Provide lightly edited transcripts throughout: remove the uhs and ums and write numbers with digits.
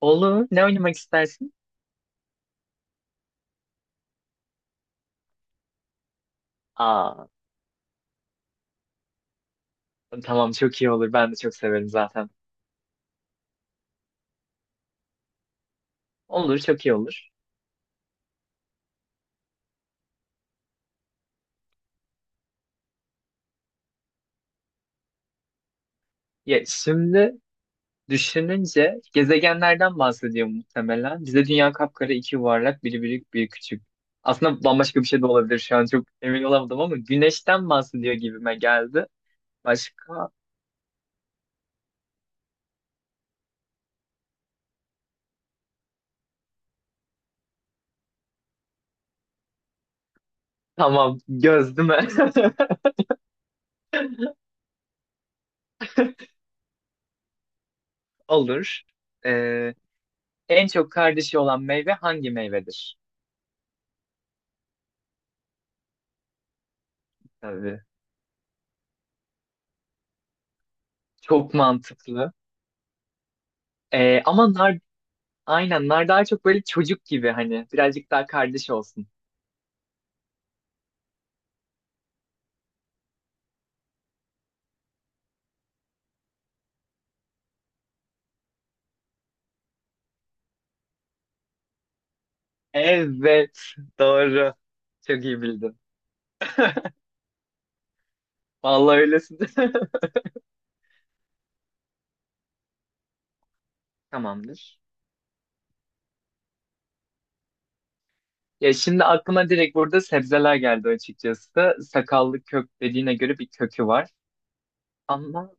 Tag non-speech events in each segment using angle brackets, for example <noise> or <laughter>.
Olur. Ne oynamak istersin? Aa, tamam çok iyi olur. Ben de çok severim zaten. Olur, çok iyi olur. Ya şimdi düşününce gezegenlerden bahsediyor muhtemelen. Bize dünya kapkara, iki yuvarlak, biri büyük, biri küçük. Aslında bambaşka bir şey de olabilir şu an çok emin olamadım ama güneşten bahsediyor gibime geldi. Başka? Tamam, göz değil mi? <laughs> Olur. Ee, En çok kardeşi olan meyve hangi meyvedir? Tabii. Çok mantıklı. Ama nar aynen. Nar daha çok böyle çocuk gibi hani. Birazcık daha kardeş olsun. Evet. Doğru. Çok iyi bildin. Vallahi öylesin. <laughs> Tamamdır. Ya şimdi aklıma direkt burada sebzeler geldi açıkçası. Sakallı kök dediğine göre bir kökü var. Ama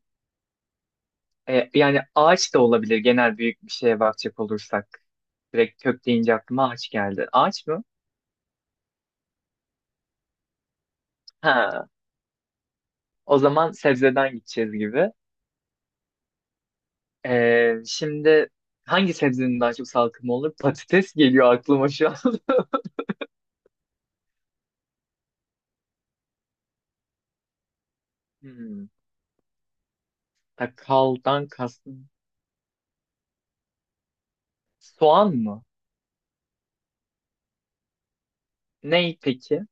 yani ağaç da olabilir genel büyük bir şeye bakacak olursak. Direkt kök deyince aklıma ağaç geldi. Ağaç mı? Ha, o zaman sebzeden gideceğiz gibi. Şimdi hangi sebzenin daha çok salkımı olur? Patates geliyor aklıma şu an. <laughs> Hmm, sakaldan kastın soğan mı? Ney peki?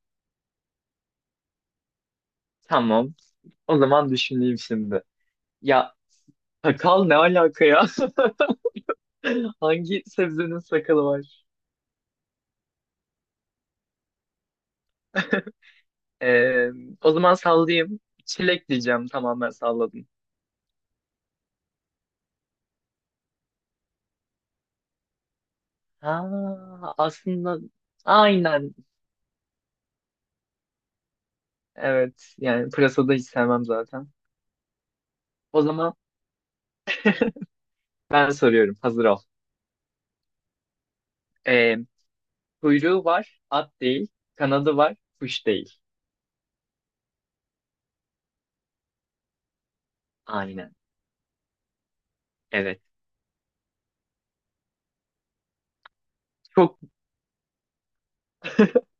Tamam. O zaman düşüneyim şimdi. Ya sakal ne alaka ya? <laughs> Hangi sebzenin sakalı var? <laughs> Ee, O zaman sallayayım. Çilek diyeceğim. Tamam ben salladım. Ha, aslında aynen. Evet. Yani pırasada hiç sevmem zaten. O zaman ben soruyorum. Hazır ol. Ee, Kuyruğu var, at değil. Kanadı var, kuş değil. Aynen. Evet. Çok <laughs>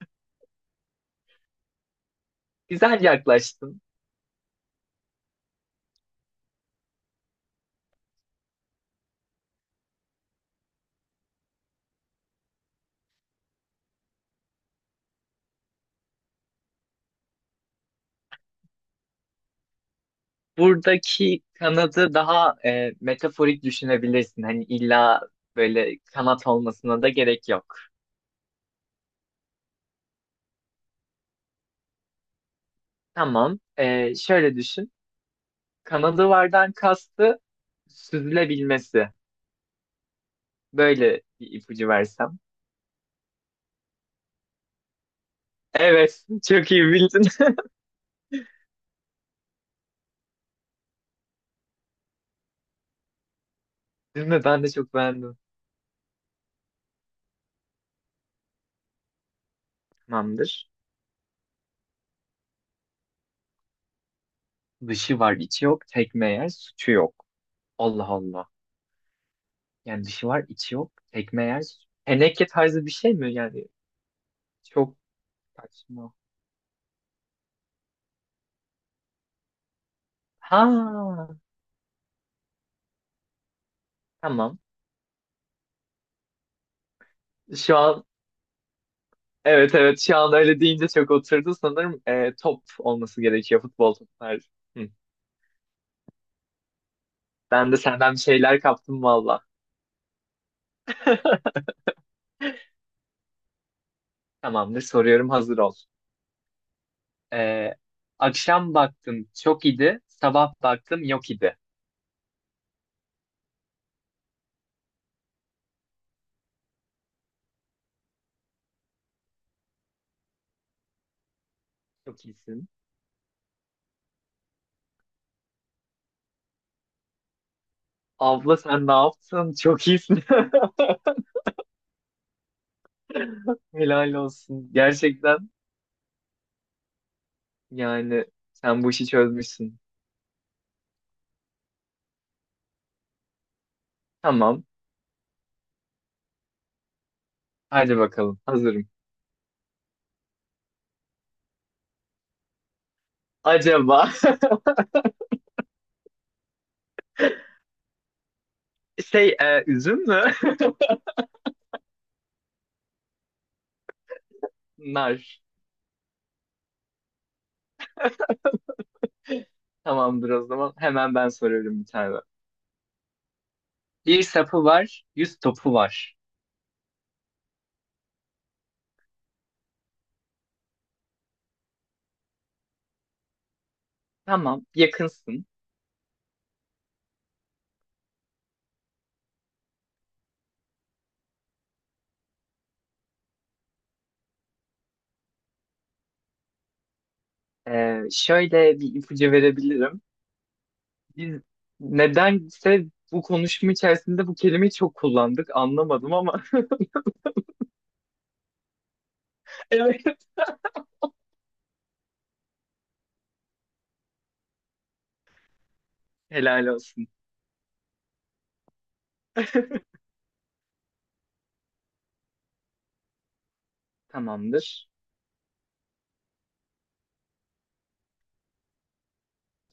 güzel yaklaştın. Buradaki kanadı daha metaforik düşünebilirsin. Hani illa böyle kanat olmasına da gerek yok. Tamam. Şöyle düşün. Kanadı vardan kastı süzülebilmesi. Böyle bir ipucu versem. Evet. <laughs> Çok iyi bildin. <laughs> Değil mi? Ben de çok beğendim. Tamamdır. Dışı var, içi yok. Tekme yer, suçu yok. Allah Allah. Yani dışı var, içi yok. Ekmeği yer. Teneke tarzı bir şey mi? Yani çok saçma. Ha, tamam. Şu an evet, evet, şu an öyle deyince çok oturdu sanırım. Top olması gerekiyor, futbol topları. Hı. Ben de senden bir şeyler kaptım valla. Tamamdır, soruyorum, hazır ol. Ee, Akşam baktım çok iyiydi. Sabah baktım yok idi. Çok iyisin. Abla sen ne yaptın? Çok iyisin. <laughs> Helal olsun. Gerçekten yani sen bu işi çözmüşsün. Tamam. Hadi bakalım. Hazırım. Acaba <laughs> üzüm mü? <laughs> Nar. Tamamdır o zaman. Hemen ben soruyorum bir tane. Bir sapı var, yüz topu var. Tamam, yakınsın. E, şöyle bir ipucu verebilirim. Biz nedense bu konuşma içerisinde bu kelimeyi çok kullandık. Anlamadım ama <laughs> evet. Helal olsun. <laughs> Tamamdır.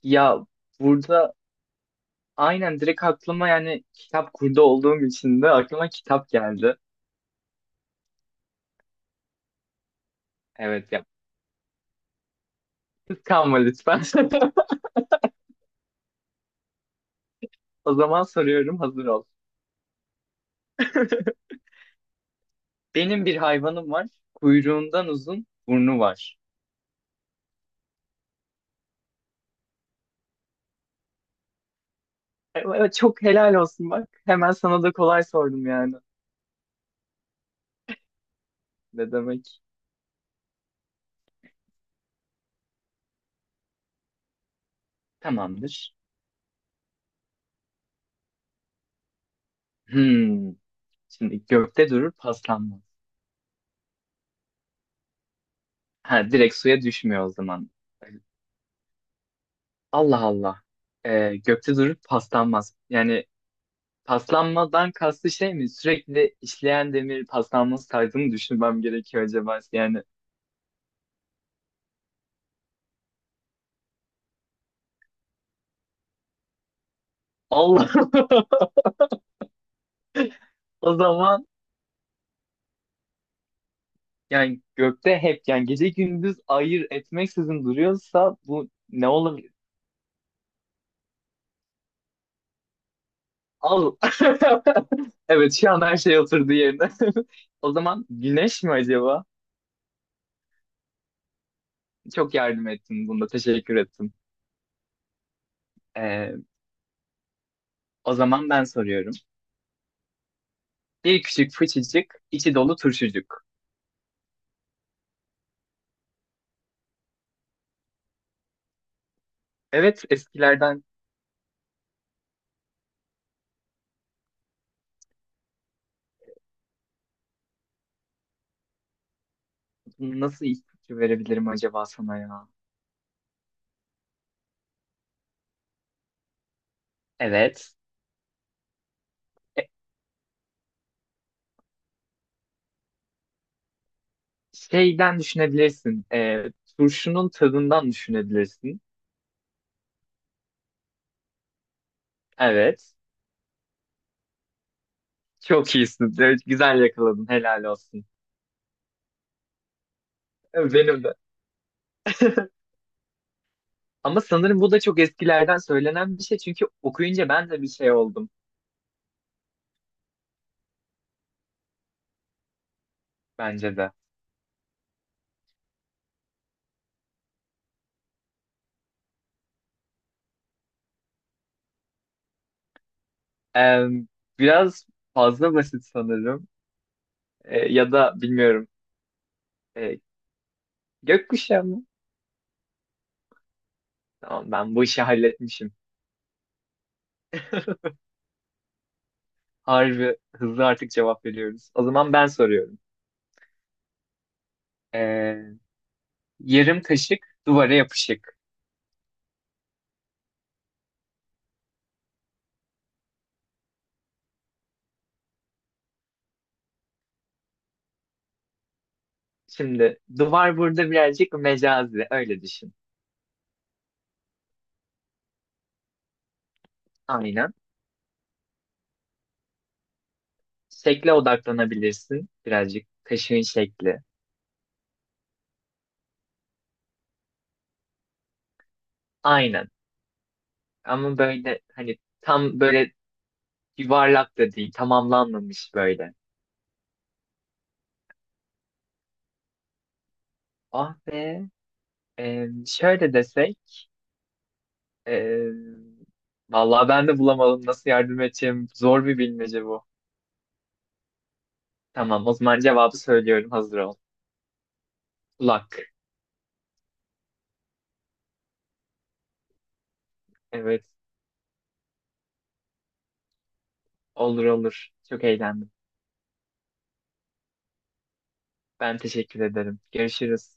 Ya burada aynen direkt aklıma, yani kitap kurdu olduğum için de, aklıma kitap geldi. Evet ya. Kıskanma lütfen. <laughs> O zaman soruyorum, hazır ol. <laughs> Benim bir hayvanım var. Kuyruğundan uzun burnu var. Evet, çok helal olsun bak. Hemen sana da kolay sordum yani. Ne demek? Tamamdır. Hmm. Şimdi gökte durur paslanmaz. Ha, direkt suya düşmüyor o zaman. Allah Allah. Gökte durur paslanmaz. Yani paslanmadan kastı şey mi? Sürekli işleyen demir paslanması tarzını düşünmem gerekiyor acaba. Yani Allah, <laughs> o zaman yani gökte hep, yani gece gündüz ayır etmeksizin duruyorsa bu ne olabilir? Al. <laughs> Evet şu an her şey oturdu yerine. <laughs> O zaman güneş mi acaba? Çok yardım ettin bunda. Teşekkür ettim. Ee, O zaman ben soruyorum. Bir küçük fıçıcık, içi dolu turşucuk. Evet eskilerden. Nasıl ipucu verebilirim acaba sana ya? Evet. E, şeyden düşünebilirsin. Turşunun tadından düşünebilirsin. Evet. Çok iyisin. Evet, güzel yakaladın. Helal olsun. E, benim de. Ama sanırım bu da çok eskilerden söylenen bir şey. Çünkü okuyunca ben de bir şey oldum. Bence de. E, biraz fazla basit sanırım. E, ya da bilmiyorum. E, gökkuşağı mı? Tamam ben bu işi halletmişim. <laughs> Harbi hızlı artık cevap veriyoruz. O zaman ben soruyorum. Ee, Yarım kaşık duvara yapışık. Şimdi duvar burada birazcık mecazi öyle düşün. Aynen. Şekle odaklanabilirsin, birazcık kaşığın şekli. Aynen. Ama böyle hani tam böyle yuvarlak da değil, tamamlanmamış böyle. Ah be. Şöyle desek. ee, Vallahi ben de bulamadım, nasıl yardım edeceğim. Zor bir bilmece bu. Tamam o zaman cevabı söylüyorum, hazır ol. Kulak. Evet, olur olur. Çok eğlendim. Ben teşekkür ederim. Görüşürüz.